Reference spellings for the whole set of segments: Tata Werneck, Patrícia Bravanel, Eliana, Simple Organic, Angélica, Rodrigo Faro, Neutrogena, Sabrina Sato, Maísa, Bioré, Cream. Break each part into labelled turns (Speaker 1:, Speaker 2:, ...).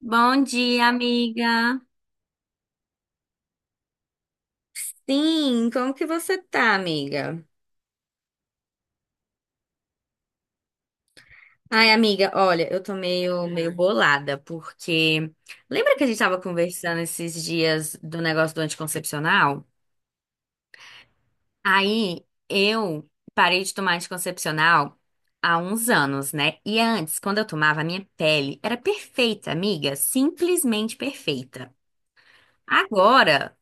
Speaker 1: Bom dia, amiga. Sim, como que você tá, amiga? Ai, amiga, olha, eu tô meio bolada, porque lembra que a gente tava conversando esses dias do negócio do anticoncepcional? Aí eu parei de tomar anticoncepcional há uns anos, né? E antes, quando eu tomava, a minha pele era perfeita, amiga, simplesmente perfeita. Agora,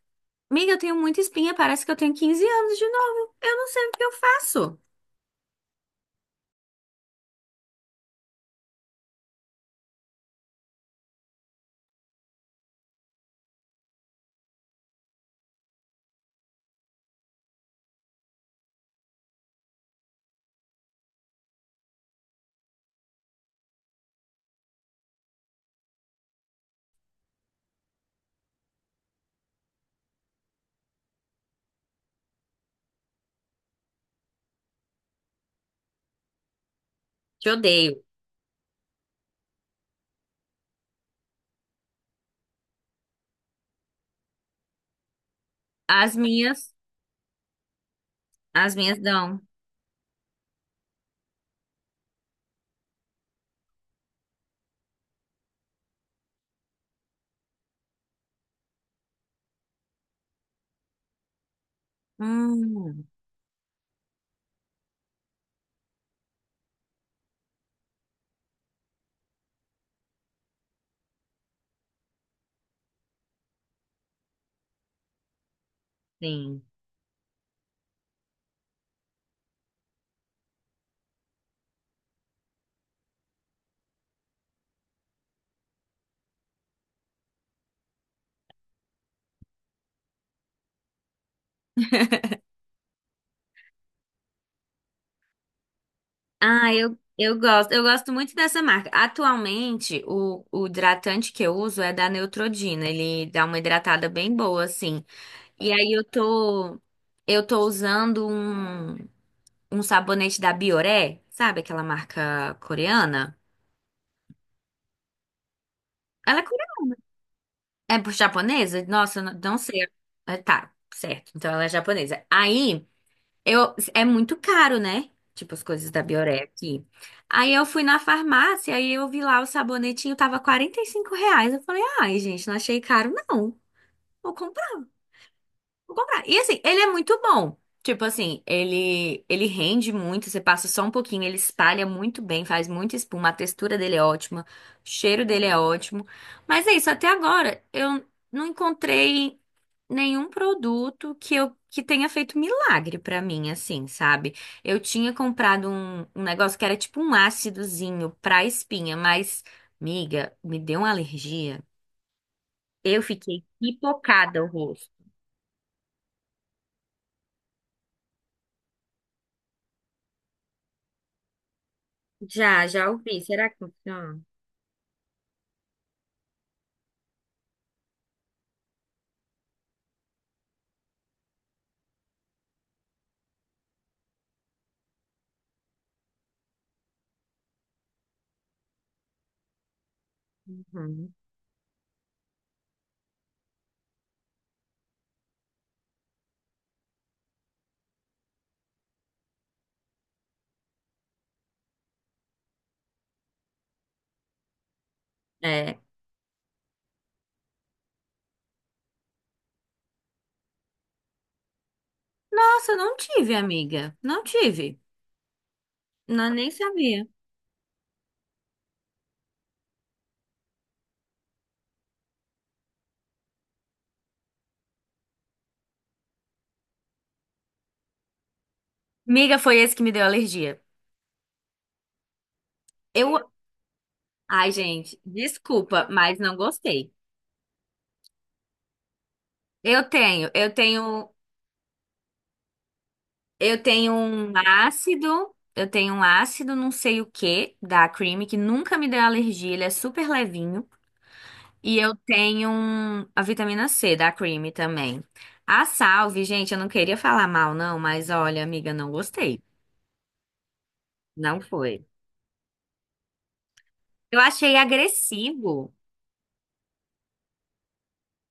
Speaker 1: amiga, eu tenho muita espinha, parece que eu tenho 15 anos de novo. Eu não sei o que eu faço. Te odeio. As minhas, as minhas dão. Hum, sim. Ah, eu gosto. Eu gosto muito dessa marca. Atualmente, o hidratante que eu uso é da Neutrogena. Ele dá uma hidratada bem boa, assim. E aí eu tô usando um sabonete da Bioré, sabe? Aquela marca coreana. Ela é, é por japonesa? Nossa, eu não sei. É, tá, certo. Então ela é japonesa. Aí. Eu, é muito caro, né? Tipo, as coisas da Bioré aqui. Aí eu fui na farmácia, aí eu vi lá o sabonetinho, tava R$ 45. Eu falei, ai, gente, não achei caro, não. Vou Vou comprar. E assim, ele é muito bom. Tipo assim, ele rende muito, você passa só um pouquinho, ele espalha muito bem, faz muita espuma, a textura dele é ótima, o cheiro dele é ótimo. Mas é isso, até agora eu não encontrei nenhum produto que tenha feito milagre pra mim, assim, sabe? Eu tinha comprado um negócio que era tipo um ácidozinho pra espinha, mas, miga, me deu uma alergia. Eu fiquei pipocada o rosto. Já ouvi. Será que funciona? Uhum. É. Nossa, eu não tive, amiga. Não tive. Não, nem sabia. Miga, foi esse que me deu alergia. Eu, ai, gente, desculpa, mas não gostei. Eu tenho, eu tenho, eu tenho um ácido, eu tenho um ácido não sei o que da Cream que nunca me deu alergia, ele é super levinho. E eu tenho a vitamina C da Cream também. A Salve, gente, eu não queria falar mal não, mas olha, amiga, não gostei. Não foi. Eu achei agressivo.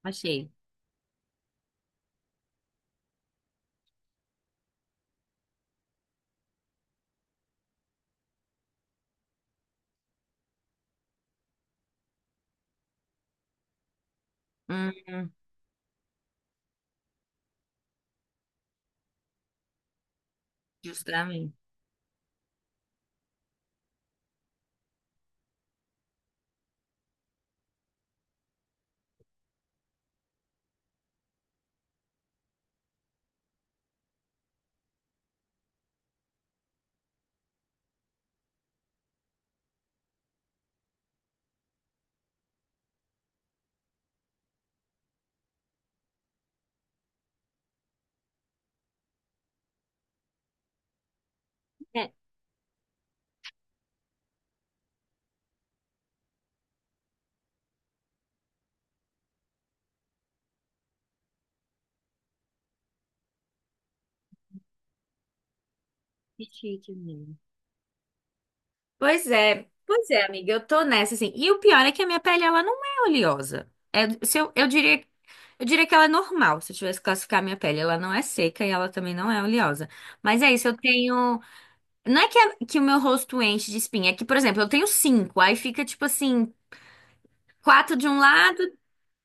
Speaker 1: Achei. Hum, justamente. É, que chique mesmo. Pois é, amiga, eu tô nessa assim. E o pior é que a minha pele ela não é oleosa. É, se eu, eu diria que ela é normal, se eu tivesse que classificar a minha pele, ela não é seca e ela também não é oleosa. Mas é isso, eu tenho, não é que, que o meu rosto enche de espinha, é que, por exemplo, eu tenho cinco, aí fica tipo assim, quatro de um lado,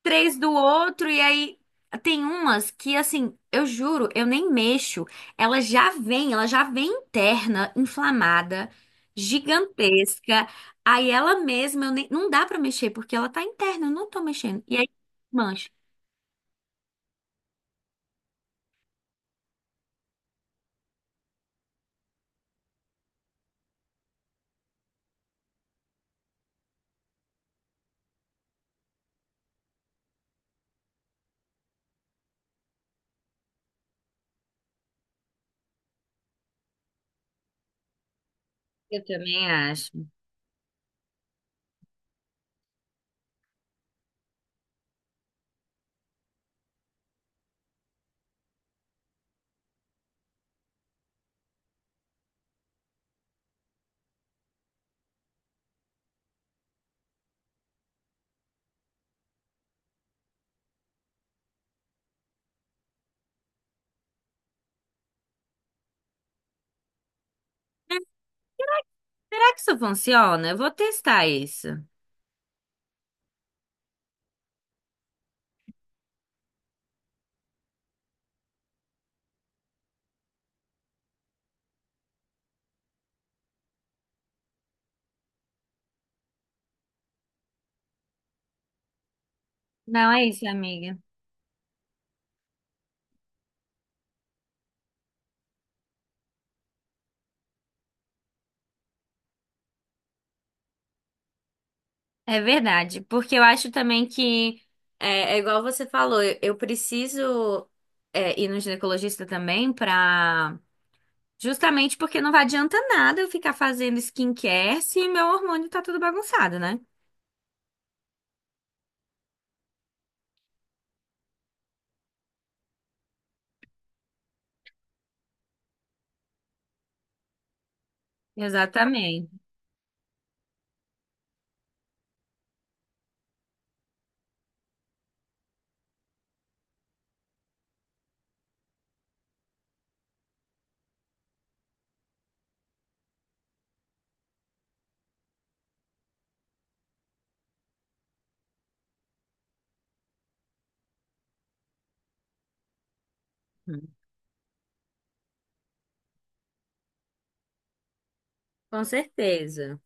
Speaker 1: três do outro, e aí tem umas que, assim, eu juro, eu nem mexo. Ela já vem interna, inflamada, gigantesca. Aí ela mesma, eu nem, não dá pra mexer, porque ela tá interna, eu não tô mexendo. E aí, mancha. Eu também acho. Será que isso funciona? Eu vou testar isso. Não é isso, amiga. É verdade, porque eu acho também que é, é igual você falou, eu preciso é, ir no ginecologista também. Para Justamente porque não vai adianta nada eu ficar fazendo skincare se meu hormônio tá tudo bagunçado, né? Exatamente. Uhum. Com certeza.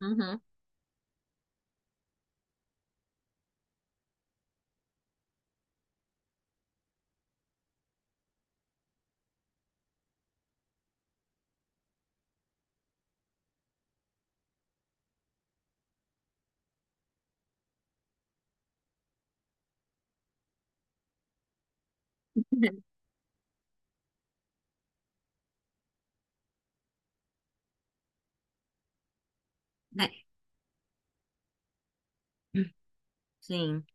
Speaker 1: Uhum. Né? Sim.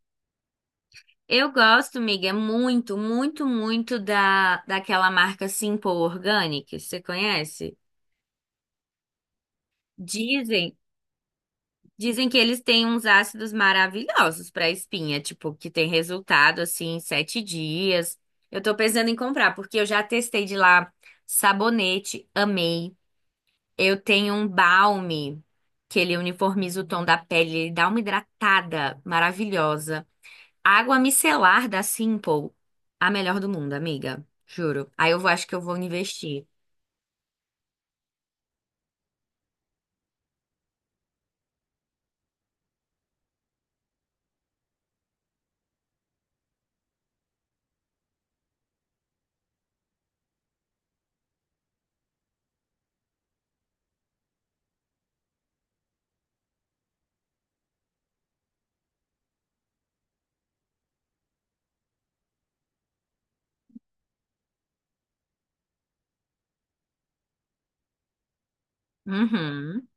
Speaker 1: Eu gosto, miga, muito, muito, muito daquela marca Simple Organic, você conhece? Dizem, dizem que eles têm uns ácidos maravilhosos para espinha, tipo, que tem resultado assim em 7 dias. Eu tô pensando em comprar, porque eu já testei de lá sabonete, amei. Eu tenho um balme que ele uniformiza o tom da pele, ele dá uma hidratada maravilhosa. A água micelar da Simple, a melhor do mundo, amiga. Juro. Aí eu vou, acho que eu vou investir. Uhum.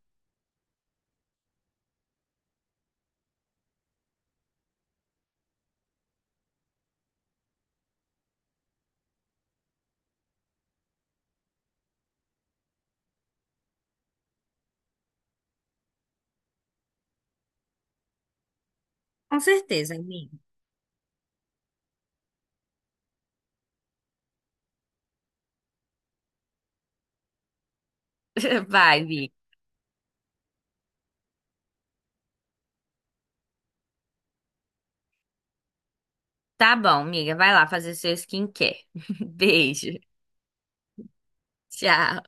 Speaker 1: Com certeza, amiga. Vai, Vi. Tá bom, amiga. Vai lá fazer seu skincare. Beijo. Tchau.